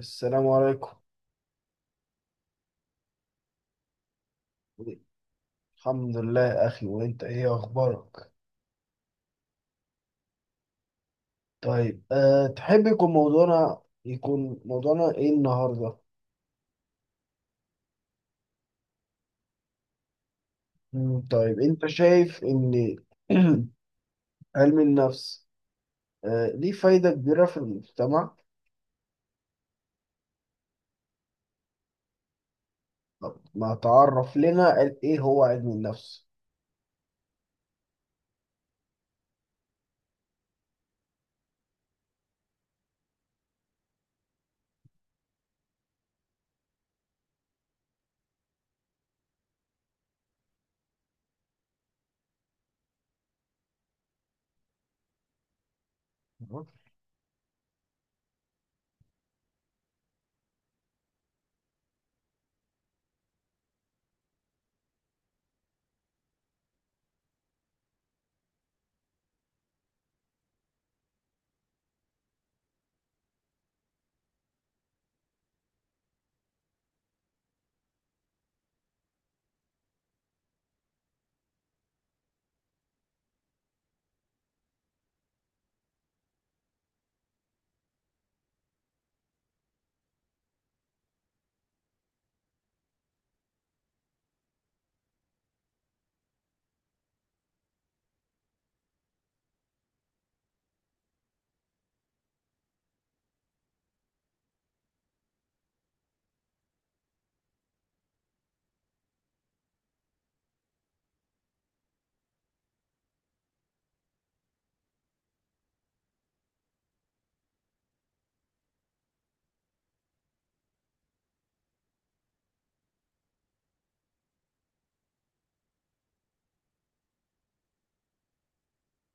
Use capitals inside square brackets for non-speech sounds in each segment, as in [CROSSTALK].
السلام عليكم. الحمد لله أخي، وأنت إيه أخبارك؟ طيب، تحب يكون موضوعنا إيه النهاردة؟ طيب أنت شايف إن [CLEARS THROAT] علم النفس ليه فايدة كبيرة في المجتمع؟ طب ما تعرف لنا قال إيه هو علم النفس؟ تمام؟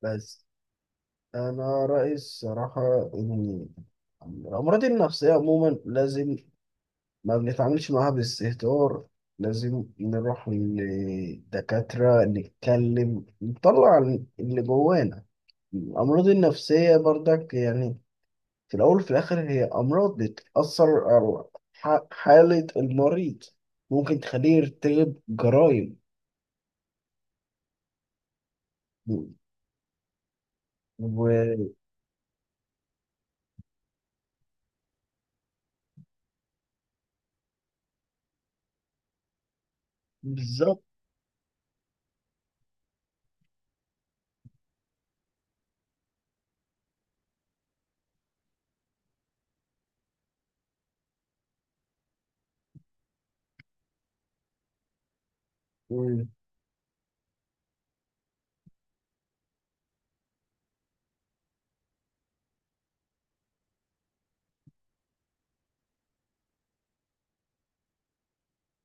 بس أنا رأيي الصراحة إن الأمراض النفسية عموما لازم ما بنتعاملش معاها باستهتار، لازم نروح للدكاترة نتكلم نطلع اللي جوانا. الأمراض النفسية برضك يعني في الأول وفي الآخر هي أمراض بتأثر على حالة المريض، ممكن تخليه يرتكب جرائم. وبالظبط. و-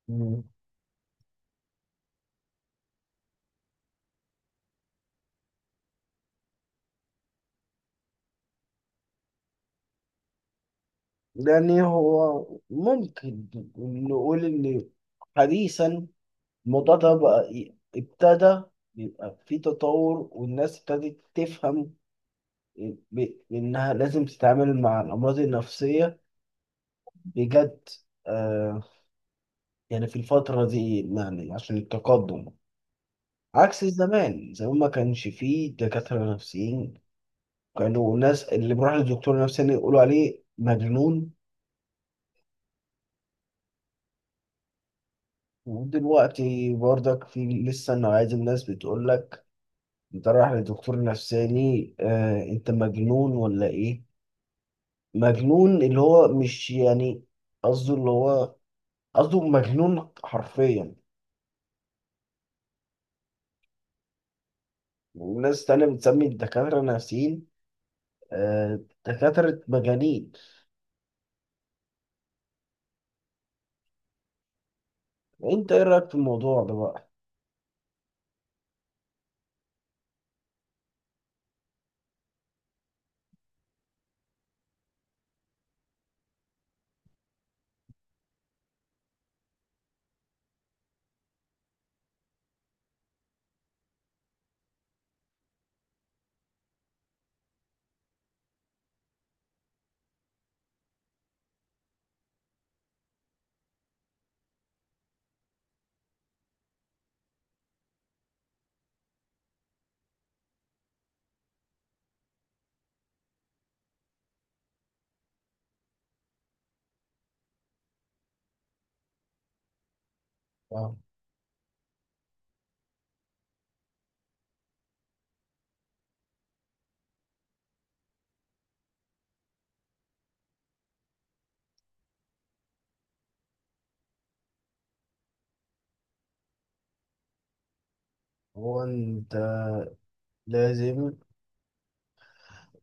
و- يعني هو ممكن نقول إن حديثا الموضوع ده بقى ابتدى يبقى في تطور، والناس ابتدت تفهم إنها لازم تتعامل مع الأمراض النفسية بجد. آه يعني في الفترة دي، يعني عشان التقدم، عكس زمان. زمان ما كانش فيه دكاترة نفسيين، كانوا الناس اللي بيروح لدكتور نفساني يقولوا عليه مجنون. ودلوقتي برضك في لسه نوعية الناس بتقول لك انت رايح لدكتور نفساني، آه انت مجنون ولا ايه؟ مجنون اللي هو مش يعني قصده، اللي هو قصده مجنون حرفيا. وناس تانية بتسمي الدكاترة نفسيين، آه، دكاترة مجانين. انت ايه رأيك في الموضوع ده بقى؟ آه، هو انت لازم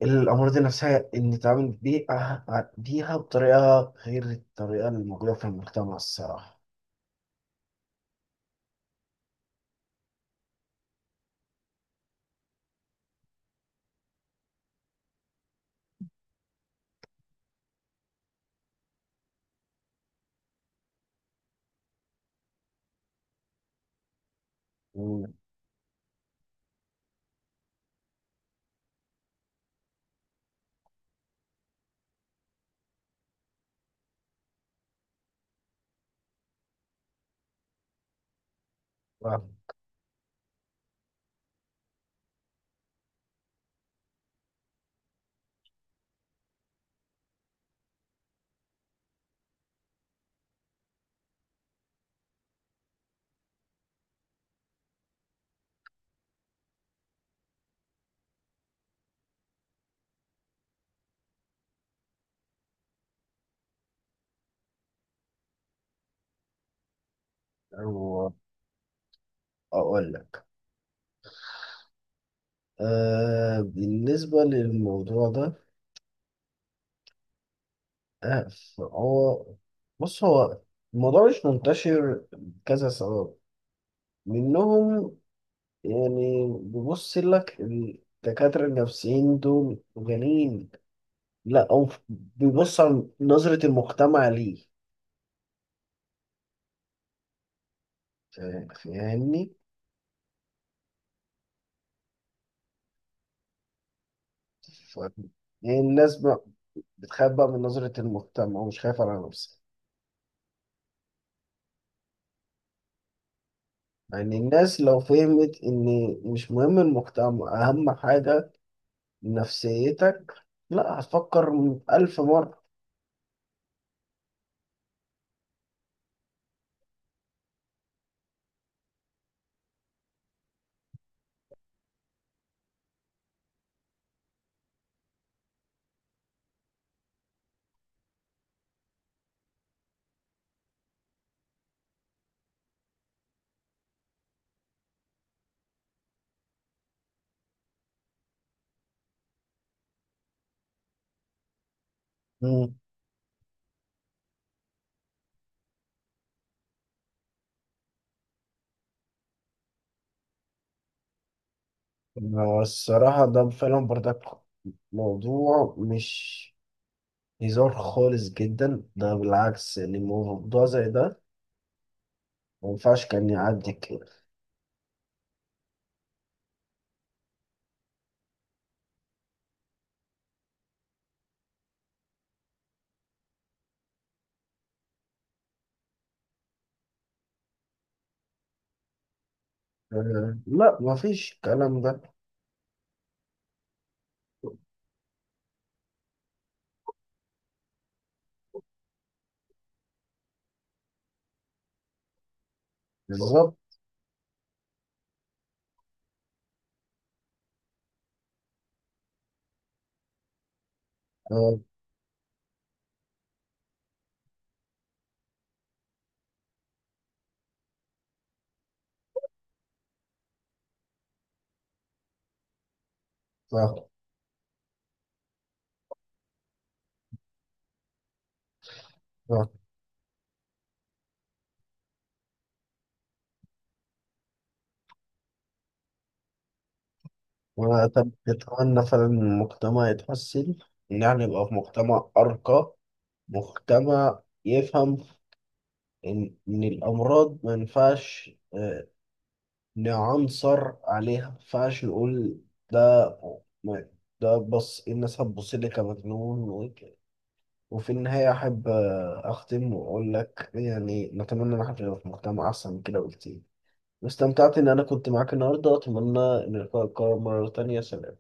الأمراض النفسية إن نتعامل بيها بطريقة غير الطريقة اللي موجودة في المجتمع الصراحة. مم. وأقول لك، بالنسبة للموضوع ده آه، هو، بص، هو الموضوع مش منتشر كذا سبب. منهم يعني بيبص لك الدكاترة النفسيين دول غنيين، لا، أو بيبص على نظرة المجتمع ليه. فاهمني؟ ف- يعني الناس بقى بتخاف بقى من نظرة المجتمع، ومش خايفة على نفسها. يعني الناس لو فهمت إن مش مهم المجتمع، أهم حاجة نفسيتك، لا، هتفكر ألف مرة. هو الصراحة ده فعلا برضك موضوع مش هزار خالص جدا، ده بالعكس. يعني موضوع زي ده ما ينفعش كان يعدي كده. آه، لا، ما فيش الكلام ده. بالظبط، آه، صح، صح. وأنا طب أتمنى فعلا إن المجتمع يتحسن، إن إحنا نبقى في مجتمع أرقى، مجتمع يفهم إن الأمراض ما ينفعش نعنصر عليها، ما ينفعش نقول ده ما- ده، بص، إيه الناس هتبص لي كمجنون وفي النهاية أحب أختم وأقول لك، يعني نتمنى إن احنا نبقى في مجتمع أحسن من كده بكتير. واستمتعت إن أنا كنت معاك النهاردة، أتمنى إن اللقاء يتكرر مرة تانية. سلام.